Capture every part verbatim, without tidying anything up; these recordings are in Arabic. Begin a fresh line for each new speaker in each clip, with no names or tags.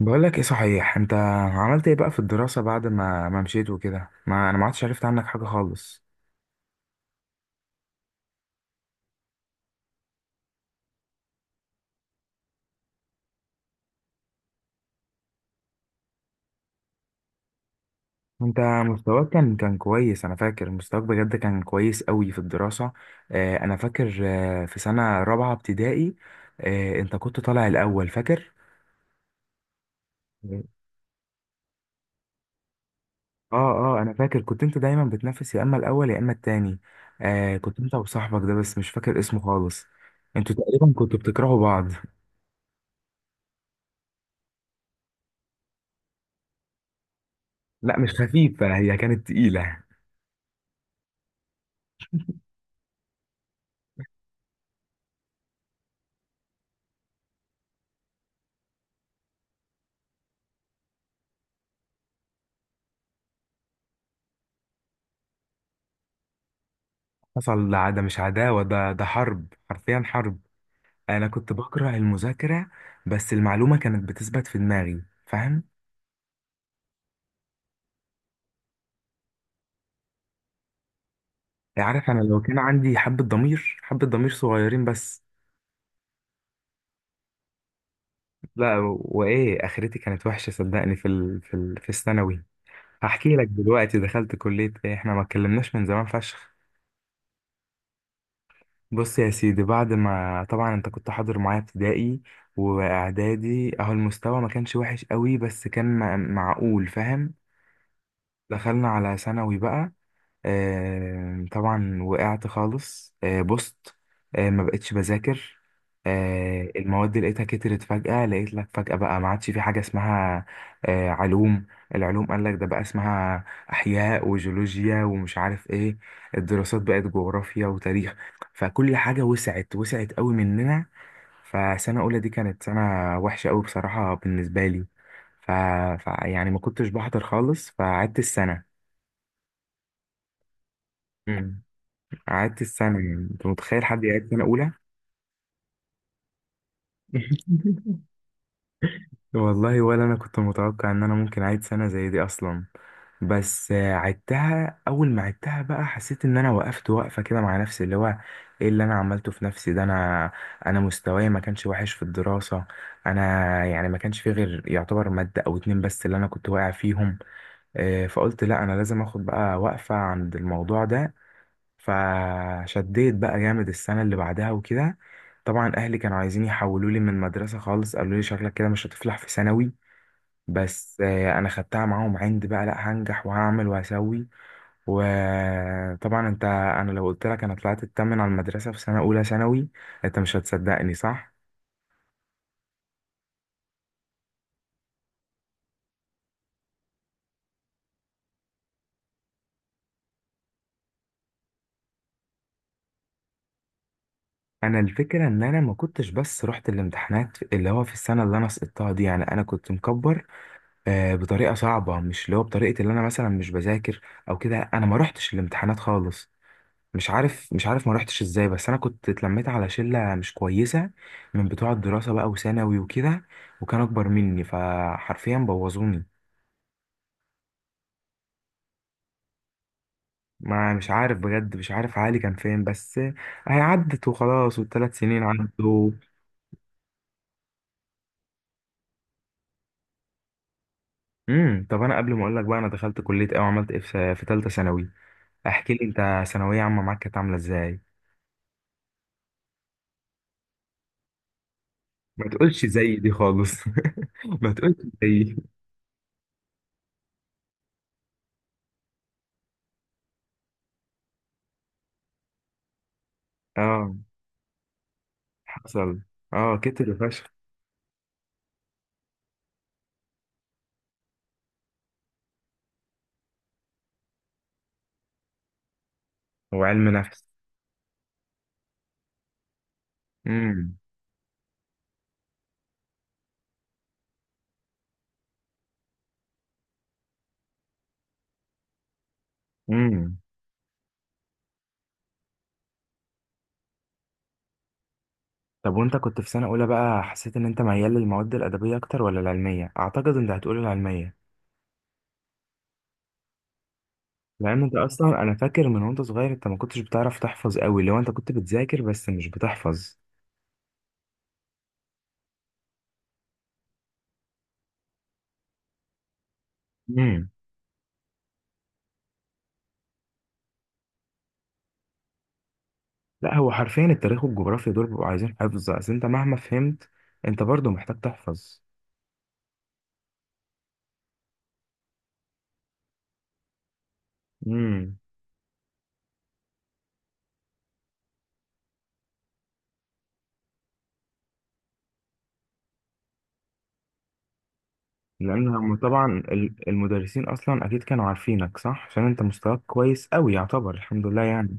بقول لك ايه صحيح انت؟ عملت ايه بقى في الدراسة بعد ما ما مشيت وكده؟ ما انا ما عدتش عرفت عنك حاجة خالص. انت مستواك كان كان كويس، انا فاكر مستواك بجد كان كويس قوي في الدراسة. آه انا فاكر آه في سنة رابعة ابتدائي. آه انت كنت طالع الاول فاكر. اه اه انا فاكر كنت انت دايما بتنافس، يا اما الاول يا اما التاني. آه كنت انت وصاحبك ده، بس مش فاكر اسمه خالص. انتوا تقريبا كنتوا بتكرهوا بعض. لا مش خفيفة، هي كانت تقيلة. حصل. ده ده مش عداوة، ده ده حرب، حرفيا حرب. أنا كنت بكره المذاكرة، بس المعلومة كانت بتثبت في دماغي فاهم؟ عارف، أنا لو كان عندي حبة ضمير، حبة ضمير صغيرين بس. لا وإيه، آخرتي كانت وحشة صدقني، في ال... في ال... في الثانوي. هحكي لك دلوقتي دخلت كلية إيه، إحنا ما اتكلمناش من زمان فشخ. بص يا سيدي، بعد ما طبعا أنت كنت حاضر معايا ابتدائي وإعدادي، أهو المستوى ما كانش وحش قوي، بس كان م- معقول فاهم؟ دخلنا على ثانوي بقى. آه طبعا وقعت خالص، آه بوست. آه ما بقتش بذاكر. آه المواد اللي لقيتها كترت فجأة، لقيت لك فجأة بقى ما عادش في حاجة اسمها آه علوم. العلوم قال لك ده بقى اسمها أحياء وجيولوجيا ومش عارف ايه. الدراسات بقت جغرافيا وتاريخ. فكل حاجة وسعت وسعت قوي مننا. فسنة أولى دي كانت سنة وحشة قوي بصراحة بالنسبة لي. ف... ف... يعني ما كنتش بحضر خالص، فقعدت السنة. مم. قعدت السنة، يعني أنت متخيل حد يقعد سنة أولى؟ والله ولا أنا كنت متوقع إن أنا ممكن أعيد سنة زي دي أصلا. بس آه، عدتها. أول ما عدتها بقى حسيت إن أنا وقفت وقفة كده مع نفسي، اللي هو إيه اللي أنا عملته في نفسي ده؟ أنا أنا مستواي ما كانش وحش في الدراسة. أنا يعني ما كانش فيه غير يعتبر مادة أو اتنين بس اللي أنا كنت واقع فيهم. آه، فقلت لا، أنا لازم أخد بقى وقفة عند الموضوع ده. فشديت بقى جامد السنة اللي بعدها وكده. طبعا أهلي كانوا عايزين يحولوا لي من مدرسة خالص، قالوا لي شكلك كده مش هتفلح في ثانوي. بس آه، أنا خدتها معاهم عند بقى، لأ هنجح وهعمل وهسوي. وطبعا أنت، أنا لو قلت لك أنا طلعت التامن على المدرسة في سنة أولى ثانوي، أنت مش هتصدقني صح؟ أنا الفكرة إن أنا ما كنتش بس رحت الامتحانات، اللي هو في السنة اللي أنا سقطتها دي، يعني أنا كنت مكبر آه، بطريقه صعبه، مش اللي هو بطريقه اللي انا مثلا مش بذاكر او كده، انا ما روحتش الامتحانات خالص. مش عارف مش عارف ما روحتش ازاي، بس انا كنت اتلميت على شله مش كويسه من بتوع الدراسه بقى وثانوي وكده، وكان اكبر مني فحرفيا بوظوني. ما مش عارف بجد، مش عارف عقلي كان فين، بس هي عدت وخلاص والثلاث سنين عدوا. امم طب انا قبل ما اقول لك بقى انا دخلت كليه ايه وعملت ايه في في ثالثه ثانوي، احكي لي انت ثانويه عامه معاك كانت عامله ازاي. ما تقولش زي دي خالص. ما تقولش زي. اه حصل. اه كتر فشخ. وعلم نفس. امم امم طب وانت كنت في سنة اولى بقى، حسيت ان انت ميال للمواد الادبية اكتر ولا العلمية؟ اعتقد انت هتقول العلمية، لان انت اصلا انا فاكر من وانت صغير، انت ما كنتش بتعرف تحفظ قوي، لو انت كنت بتذاكر بس مش بتحفظ. امم. لا هو حرفيا التاريخ والجغرافيا دول بيبقوا عايزين حفظ، اصل انت مهما فهمت انت برضو محتاج تحفظ. امم لان هم طبعا ال- المدرسين اصلا اكيد كانوا عارفينك صح، عشان انت مستواك كويس قوي يعتبر الحمد لله يعني.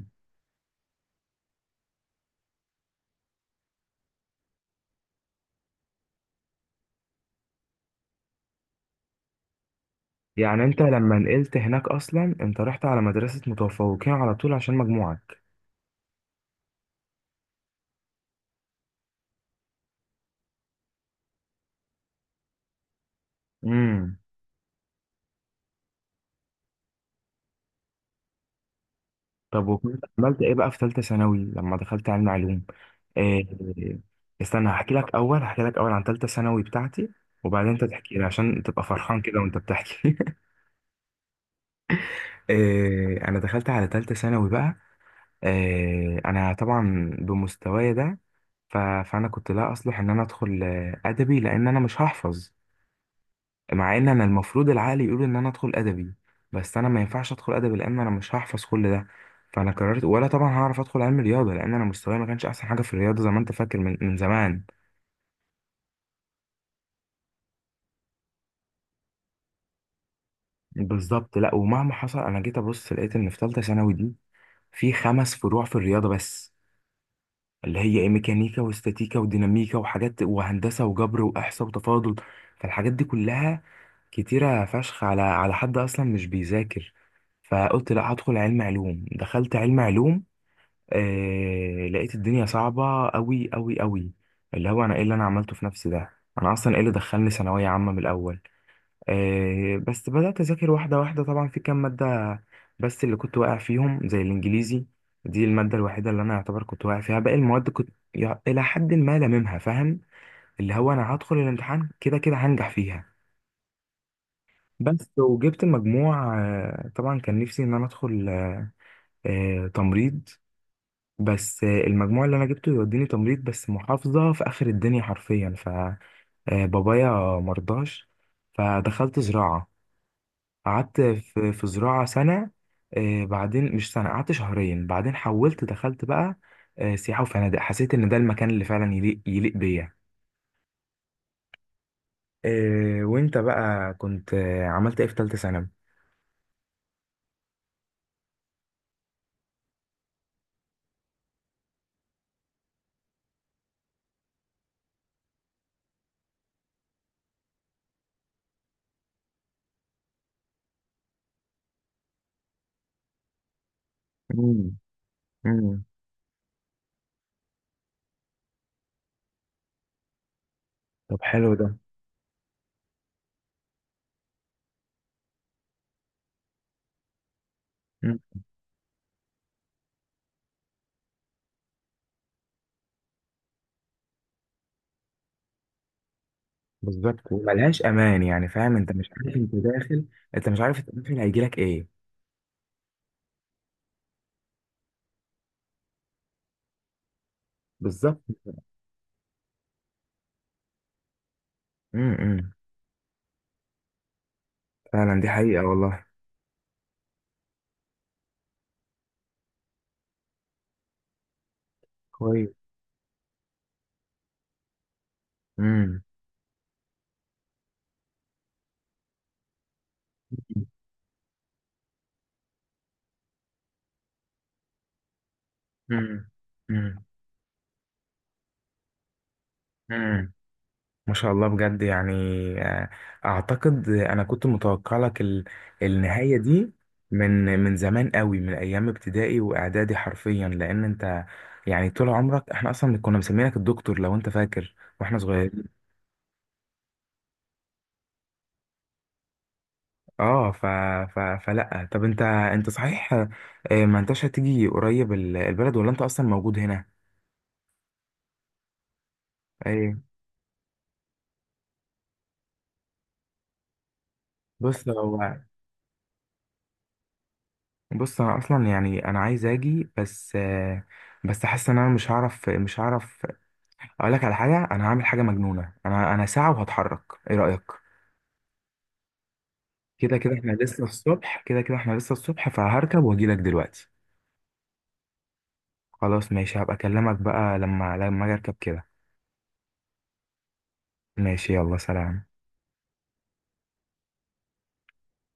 يعني انت لما نقلت هناك اصلا انت رحت على مدرسة متفوقين على طول عشان مجموعك. امم طب وكنت عملت ايه بقى في ثالثة ثانوي لما دخلت علم علوم؟ إيه؟ استنى، هحكي لك اول هحكي لك اول عن ثالثة ثانوي بتاعتي، وبعدين انت تحكي لي عشان تبقى فرحان كده وانت بتحكي. إيه، انا دخلت على ثالثة ثانوي بقى. آه، انا طبعا بمستواي ده، ف... فانا كنت لا اصلح ان انا ادخل آه، ادبي، لان انا مش هحفظ. مع ان انا المفروض العقل يقول ان انا ادخل ادبي، بس انا ما ينفعش ادخل ادبي لان انا مش هحفظ كل ده. فانا قررت، ولا طبعا هعرف ادخل علم رياضه، لان انا مستواي ما كانش احسن حاجه في الرياضه زي ما انت فاكر من, من زمان. بالظبط. لا ومهما حصل انا جيت ابص لقيت ان في ثالثه ثانوي دي في خمس فروع في الرياضه بس، اللي هي ايه، ميكانيكا واستاتيكا وديناميكا وحاجات، وهندسه وجبر واحصاء وتفاضل. فالحاجات دي كلها كتيره فشخ على على حد اصلا مش بيذاكر. فقلت لا هدخل علم علوم، دخلت علم علوم. آه لقيت الدنيا صعبه قوي قوي قوي، اللي هو انا ايه اللي انا عملته في نفسي ده، انا اصلا ايه اللي دخلني ثانويه عامه من الاول. آه، بس بدأت أذاكر واحدة واحدة، طبعا في كام مادة بس اللي كنت واقع فيهم، زي الإنجليزي. دي المادة الوحيدة اللي أنا يعتبر كنت واقع فيها، باقي المواد كنت يع- إلى حد ما لاممها فاهم، اللي هو أنا هدخل الامتحان كده كده هنجح فيها. بس وجبت المجموع، آه، طبعا كان نفسي إن أنا أدخل آه، آه، تمريض، بس آه، المجموع اللي أنا جبته يوديني تمريض بس محافظة في آخر الدنيا حرفيا، ف آه، بابايا مرضاش. فدخلت زراعة، قعدت في في زراعة سنة. آه، بعدين مش سنة، قعدت شهرين بعدين حولت، دخلت بقى آه، سياحة وفنادق. حسيت إن ده المكان اللي فعلا يليق يليق بيا. آه، وأنت بقى كنت آه، عملت إيه في تالتة ثانوي؟ مم، مم. طب حلو ده. مم. بالظبط، وملهاش أمان يعني فاهم أنت، مش عارف أنت داخل. أنت مش عارف التقدير اللي هيجيلك إيه. بالظبط. مم، مم. فعلا دي حقيقة والله. كويس. مم. مم. مم. مم. ما شاء الله بجد يعني. آه، اعتقد انا كنت متوقع لك ال- النهاية دي من من زمان قوي، من ايام ابتدائي واعدادي حرفيا، لان انت يعني طول عمرك احنا اصلا كنا مسمينك الدكتور لو انت فاكر، واحنا صغيرين. اه. ف... ف... فلا، طب انت انت صحيح، آه، ما انتش هتيجي قريب ال- البلد، ولا انت اصلا موجود هنا؟ ايه؟ بص هو بص انا اصلا يعني انا عايز اجي، بس آه، بس حاسس ان انا مش هعرف، مش هعرف. اقول لك على حاجه، انا هعمل حاجه مجنونه، انا انا ساعه وهتحرك، ايه رايك؟ كده كده احنا لسه الصبح كده كده احنا لسه الصبح، فهركب واجي لك دلوقتي. خلاص ماشي، هبقى اكلمك بقى لما لما اجي اركب كده. ماشي يلا سلام.